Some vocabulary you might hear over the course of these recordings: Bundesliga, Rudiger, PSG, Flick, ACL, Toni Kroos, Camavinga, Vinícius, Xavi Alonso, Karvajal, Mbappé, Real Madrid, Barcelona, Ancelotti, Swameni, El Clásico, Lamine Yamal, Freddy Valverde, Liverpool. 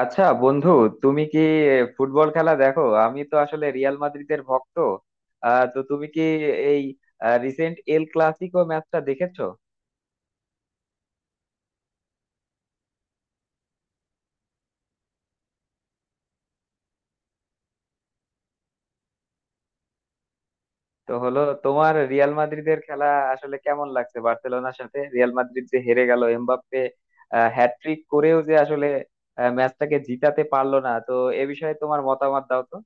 আচ্ছা বন্ধু, তুমি কি ফুটবল খেলা দেখো? আমি তো আসলে রিয়াল মাদ্রিদের ভক্ত। তো তুমি কি এই রিসেন্ট এল ক্লাসিকো ম্যাচটা দেখেছো? তো হলো তোমার রিয়াল মাদ্রিদের খেলা আসলে কেমন লাগছে? বার্সেলোনার সাথে রিয়াল মাদ্রিদ যে হেরে গেল, এমবাপ্পে হ্যাটট্রিক করেও যে আসলে ম্যাচটাকে জিতাতে পারলো না, তো এ বিষয়ে তোমার মতামত দাও তো।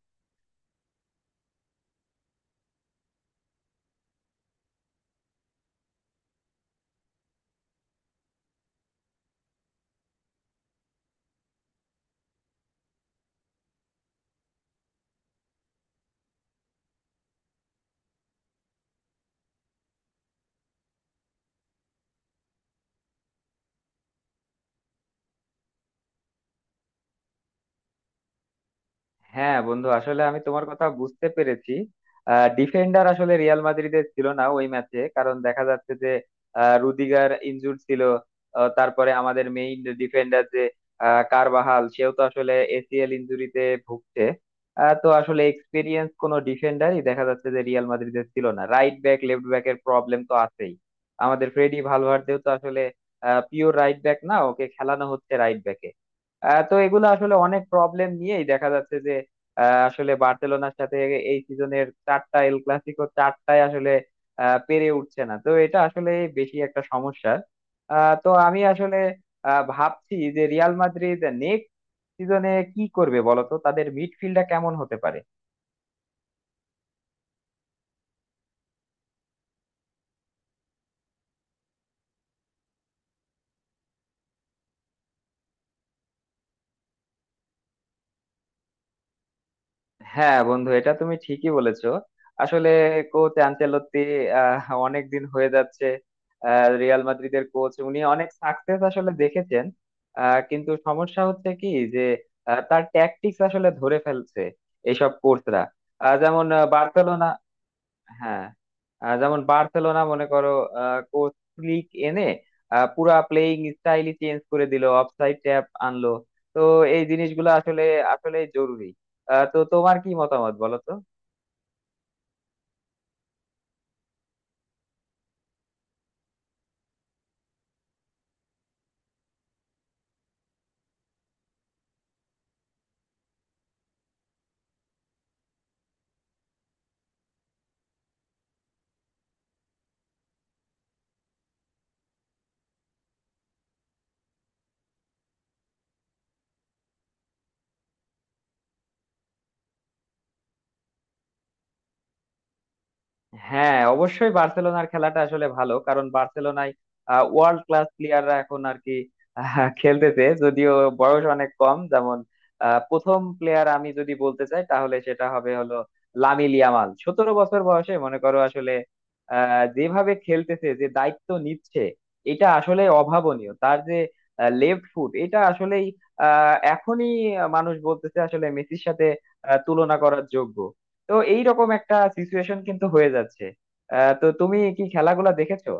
হ্যাঁ বন্ধু, আসলে আমি তোমার কথা বুঝতে পেরেছি। ডিফেন্ডার আসলে রিয়াল মাদ্রিদের ছিল না ওই ম্যাচে, কারণ দেখা যাচ্ছে যে রুদিগার ইনজুর ছিল। তারপরে আমাদের মেইন ডিফেন্ডার যে কারবাহাল, সেও তো আসলে এসিএল ইনজুরিতে ভুগছে। তো আসলে এক্সপিরিয়েন্স কোনো ডিফেন্ডারই দেখা যাচ্ছে যে রিয়াল মাদ্রিদের ছিল না। রাইট ব্যাক লেফট ব্যাক এর প্রবলেম তো আছেই। আমাদের ফ্রেডি ভালভার্দেও তো আসলে পিওর রাইট ব্যাক না, ওকে খেলানো হচ্ছে রাইট ব্যাক। তো এগুলো আসলে অনেক প্রবলেম নিয়েই দেখা যাচ্ছে যে আসলে বার্সেলোনার সাথে এই সিজনের চারটা এল ক্লাসিকো, চারটায় আসলে পেরে উঠছে না। তো এটা আসলে বেশি একটা সমস্যা। তো আমি আসলে ভাবছি যে রিয়াল মাদ্রিদ নেক্সট সিজনে কি করবে বলতো, তাদের মিডফিল্ডটা কেমন হতে পারে। হ্যাঁ বন্ধু, এটা তুমি ঠিকই বলেছো। আসলে কোচ আনচেলত্তি অনেক দিন হয়ে যাচ্ছে রিয়াল মাদ্রিদের কোচ, উনি অনেক সাকসেস আসলে দেখেছেন। কিন্তু সমস্যা হচ্ছে কি যে তার ট্যাকটিক্স আসলে ধরে ফেলছে এইসব কোচরা। যেমন বার্সেলোনা। হ্যাঁ, যেমন বার্সেলোনা মনে করো, কোচ ফ্লিক এনে পুরা প্লেইং স্টাইলই চেঞ্জ করে দিল, অফসাইড ট্যাপ আনলো। তো এই জিনিসগুলো আসলে আসলে জরুরি। তো তোমার কি মতামত বলো তো। হ্যাঁ, অবশ্যই বার্সেলোনার খেলাটা আসলে ভালো, কারণ বার্সেলোনায় ওয়ার্ল্ড ক্লাস প্লেয়াররা এখন আর কি খেলতেছে। যদিও বয়স অনেক কম। যেমন প্রথম প্লেয়ার আমি যদি বলতে চাই তাহলে সেটা হবে হলো লামিল ইয়ামাল। 17 বছর বয়সে মনে করো আসলে যেভাবে খেলতেছে, যে দায়িত্ব নিচ্ছে, এটা আসলে অভাবনীয়। তার যে লেফট ফুট, এটা আসলেই এখনই মানুষ বলতেছে আসলে মেসির সাথে তুলনা করার যোগ্য। তো এইরকম একটা সিচুয়েশন কিন্তু হয়ে যাচ্ছে। তো তুমি কি খেলাগুলা দেখেছো?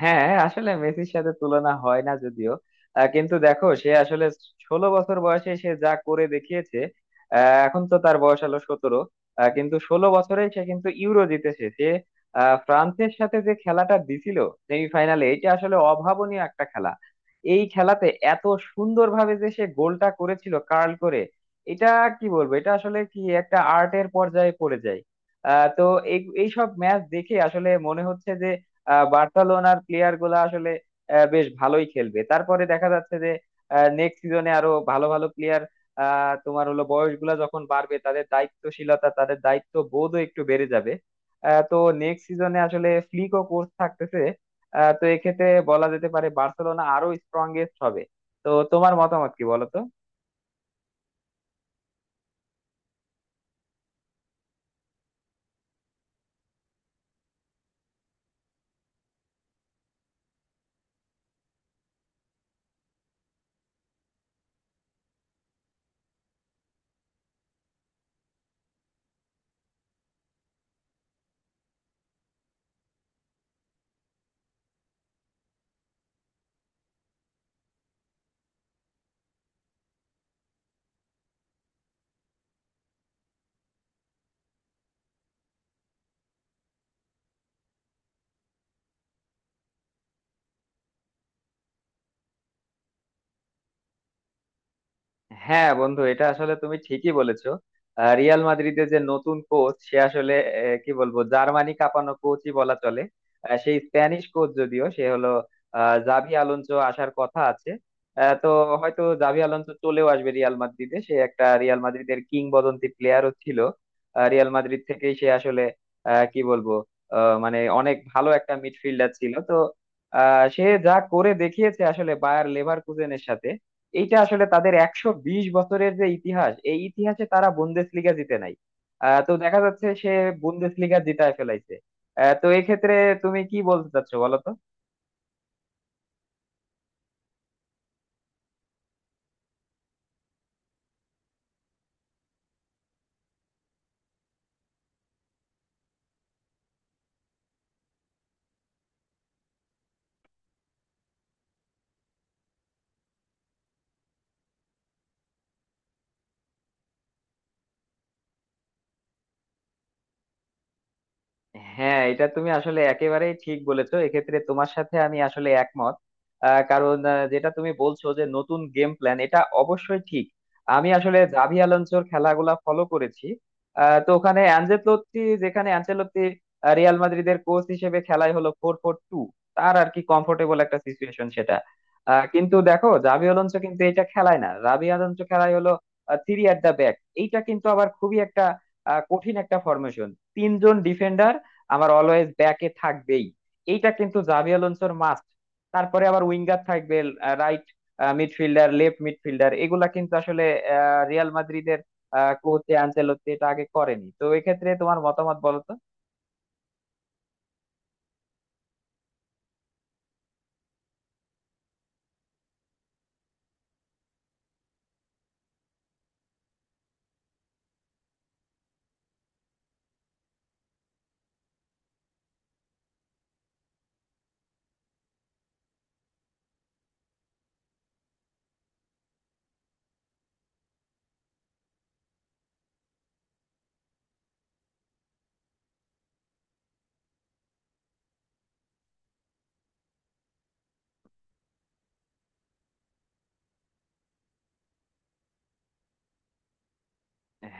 হ্যাঁ, আসলে মেসির সাথে তুলনা হয় না যদিও, কিন্তু দেখো সে আসলে 16 বছর বয়সে সে যা করে দেখিয়েছে। এখন তো তার বয়স হলো 17, কিন্তু 16 বছরে সে কিন্তু ইউরো জিতেছে। সে ফ্রান্সের সাথে যে খেলাটা দিছিল সেমিফাইনালে, এটা আসলে অভাবনীয় একটা খেলা। এই খেলাতে এত সুন্দরভাবে যে সে গোলটা করেছিল, কার্ল করে, এটা কি বলবো, এটা আসলে কি একটা আর্টের পর্যায়ে পড়ে যায়। তো এই এইসব ম্যাচ দেখে আসলে মনে হচ্ছে বার্সেলোনার প্লেয়ার গুলা আসলে বেশ ভালোই খেলবে। তারপরে দেখা যাচ্ছে যে নেক্সট সিজনে আরো ভালো ভালো প্লেয়ার তোমার হলো বয়স গুলা যখন বাড়বে তাদের দায়িত্বশীলতা, তাদের দায়িত্ব বোধও একটু বেড়ে যাবে। তো নেক্সট সিজনে আসলে ফ্লিকও কোর্স থাকতেছে। তো এক্ষেত্রে বলা যেতে পারে বার্সেলোনা আরো স্ট্রংগেস্ট হবে। তো তোমার মতামত কি বলো তো। হ্যাঁ বন্ধু, এটা আসলে তুমি ঠিকই বলেছো। রিয়াল মাদ্রিদের যে নতুন কোচ, সে আসলে কি বলবো, জার্মানি কাঁপানো কোচই বলা চলে। সেই স্প্যানিশ কোচ, যদিও সে হলো জাভি আলোনসো, আসার কথা আছে। তো হয়তো জাভি আলোনসো চলেও আসবে রিয়াল মাদ্রিদে। সে একটা রিয়াল মাদ্রিদের কিংবদন্তি প্লেয়ারও ছিল। রিয়াল মাদ্রিদ থেকেই সে আসলে কি বলবো মানে অনেক ভালো একটা মিডফিল্ডার ছিল তো। সে যা করে দেখিয়েছে আসলে বায়ার লেভারকুজেনের সাথে, এইটা আসলে তাদের 120 বছরের যে ইতিহাস, এই ইতিহাসে তারা বুন্দেসলিগা জিতে নাই। তো দেখা যাচ্ছে সে বুন্দেসলিগা জিতায় ফেলাইছে। তো এক্ষেত্রে তুমি কি বলতে চাচ্ছো বলো। হ্যাঁ, এটা তুমি আসলে একেবারেই ঠিক বলেছো। এক্ষেত্রে তোমার সাথে আমি আসলে একমত। কারণ যেটা তুমি বলছো যে নতুন গেম প্ল্যান, এটা অবশ্যই ঠিক। আমি আসলে জাভি আলোনসোর খেলাগুলা ফলো করেছি। তো ওখানে অ্যানচেলত্তি, যেখানে অ্যানচেলত্তি রিয়াল মাদ্রিদের কোচ হিসেবে খেলাই হলো 4-4-2, তার আর কি কমফোর্টেবল একটা সিচুয়েশন সেটা। কিন্তু দেখো জাভি আলোনসো কিন্তু এটা খেলায় না, জাভি আলোনসো খেলায় হলো থ্রি অ্যাট দা ব্যাক। এইটা কিন্তু আবার খুবই একটা কঠিন একটা ফরমেশন। 3 জন ডিফেন্ডার আমার অলওয়েজ ব্যাকে থাকবেই, এইটা কিন্তু জাভি আলোনসোর মাস্ট। তারপরে আবার উইঙ্গার থাকবে, রাইট মিডফিল্ডার, লেফট মিডফিল্ডার, এগুলা কিন্তু আসলে রিয়াল মাদ্রিদের কোচ আনচেলত্তি এটা আগে করেনি। তো এক্ষেত্রে তোমার মতামত বলো তো।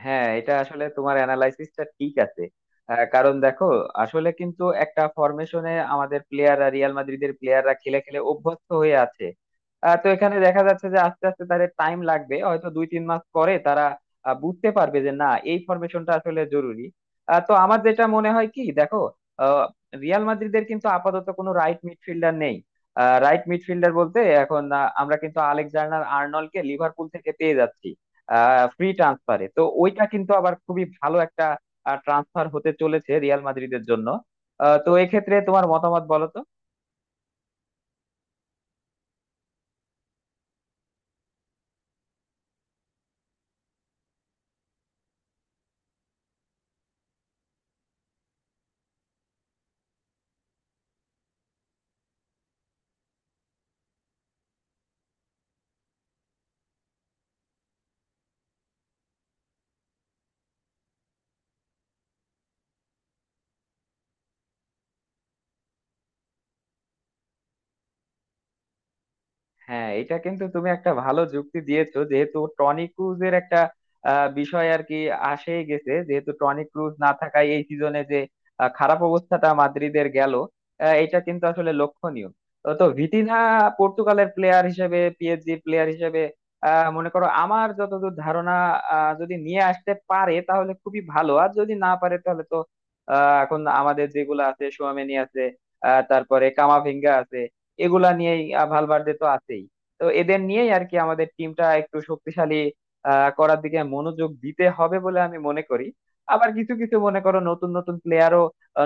হ্যাঁ, এটা আসলে তোমার অ্যানালাইসিসটা ঠিক আছে। কারণ দেখো আসলে কিন্তু একটা ফরমেশনে আমাদের প্লেয়াররা, রিয়াল মাদ্রিদের প্লেয়াররা খেলে খেলে অভ্যস্ত হয়ে আছে। তো এখানে দেখা যাচ্ছে যে আস্তে আস্তে তাদের টাইম লাগবে, হয়তো 2-3 মাস পরে তারা বুঝতে পারবে যে না, এই ফরমেশনটা আসলে জরুরি। তো আমার যেটা মনে হয় কি দেখো, আহ, রিয়াল মাদ্রিদের কিন্তু আপাতত কোনো রাইট মিডফিল্ডার নেই। রাইট মিডফিল্ডার বলতে এখন আমরা কিন্তু আলেকজান্ডার আর্নল্ডকে লিভারপুল থেকে পেয়ে যাচ্ছি ফ্রি ট্রান্সফারে। তো ওইটা কিন্তু আবার খুবই ভালো একটা ট্রান্সফার হতে চলেছে রিয়াল মাদ্রিদের জন্য। তো এক্ষেত্রে তোমার মতামত বলো তো। হ্যাঁ, এটা কিন্তু তুমি একটা ভালো যুক্তি দিয়েছো, যেহেতু টনি ক্রুজের একটা বিষয় আর কি আসেই গেছে। যেহেতু টনি ক্রুজ না থাকায় এই সিজনে যে খারাপ অবস্থাটা মাদ্রিদের গেল, এটা কিন্তু আসলে লক্ষণীয়। তো তো ভিতিনা পর্তুগালের প্লেয়ার হিসেবে, পিএসজি প্লেয়ার হিসেবে মনে করো আমার যতদূর ধারণা যদি নিয়ে আসতে পারে তাহলে খুবই ভালো, আর যদি না পারে তাহলে তো এখন আমাদের যেগুলো আছে, সোয়ামেনি আছে, তারপরে কামাভিঙ্গা আছে, এগুলা নিয়েই ভালভার্দে তো আছেই। তো এদের নিয়েই আর কি আমাদের টিমটা একটু শক্তিশালী করার দিকে মনোযোগ দিতে হবে বলে আমি মনে করি। আবার কিছু কিছু মনে করো নতুন নতুন প্লেয়ারও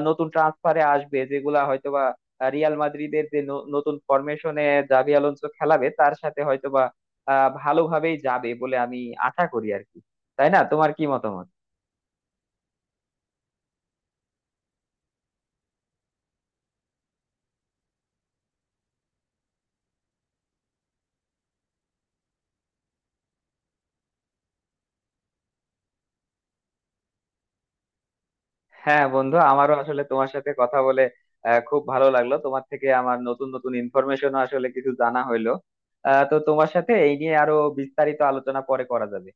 নতুন ট্রান্সফারে আসবে, যেগুলা হয়তোবা রিয়াল মাদ্রিদের যে নতুন ফরমেশনে জাভি আলোনসো খেলাবে, তার সাথে হয়তোবা ভালোভাবেই যাবে বলে আমি আশা করি আর কি। তাই না? তোমার কি মতামত? হ্যাঁ বন্ধু, আমারও আসলে তোমার সাথে কথা বলে খুব ভালো লাগলো। তোমার থেকে আমার নতুন নতুন ইনফরমেশন আসলে কিছু জানা হইলো। তো তোমার সাথে এই নিয়ে আরো বিস্তারিত আলোচনা পরে করা যাবে।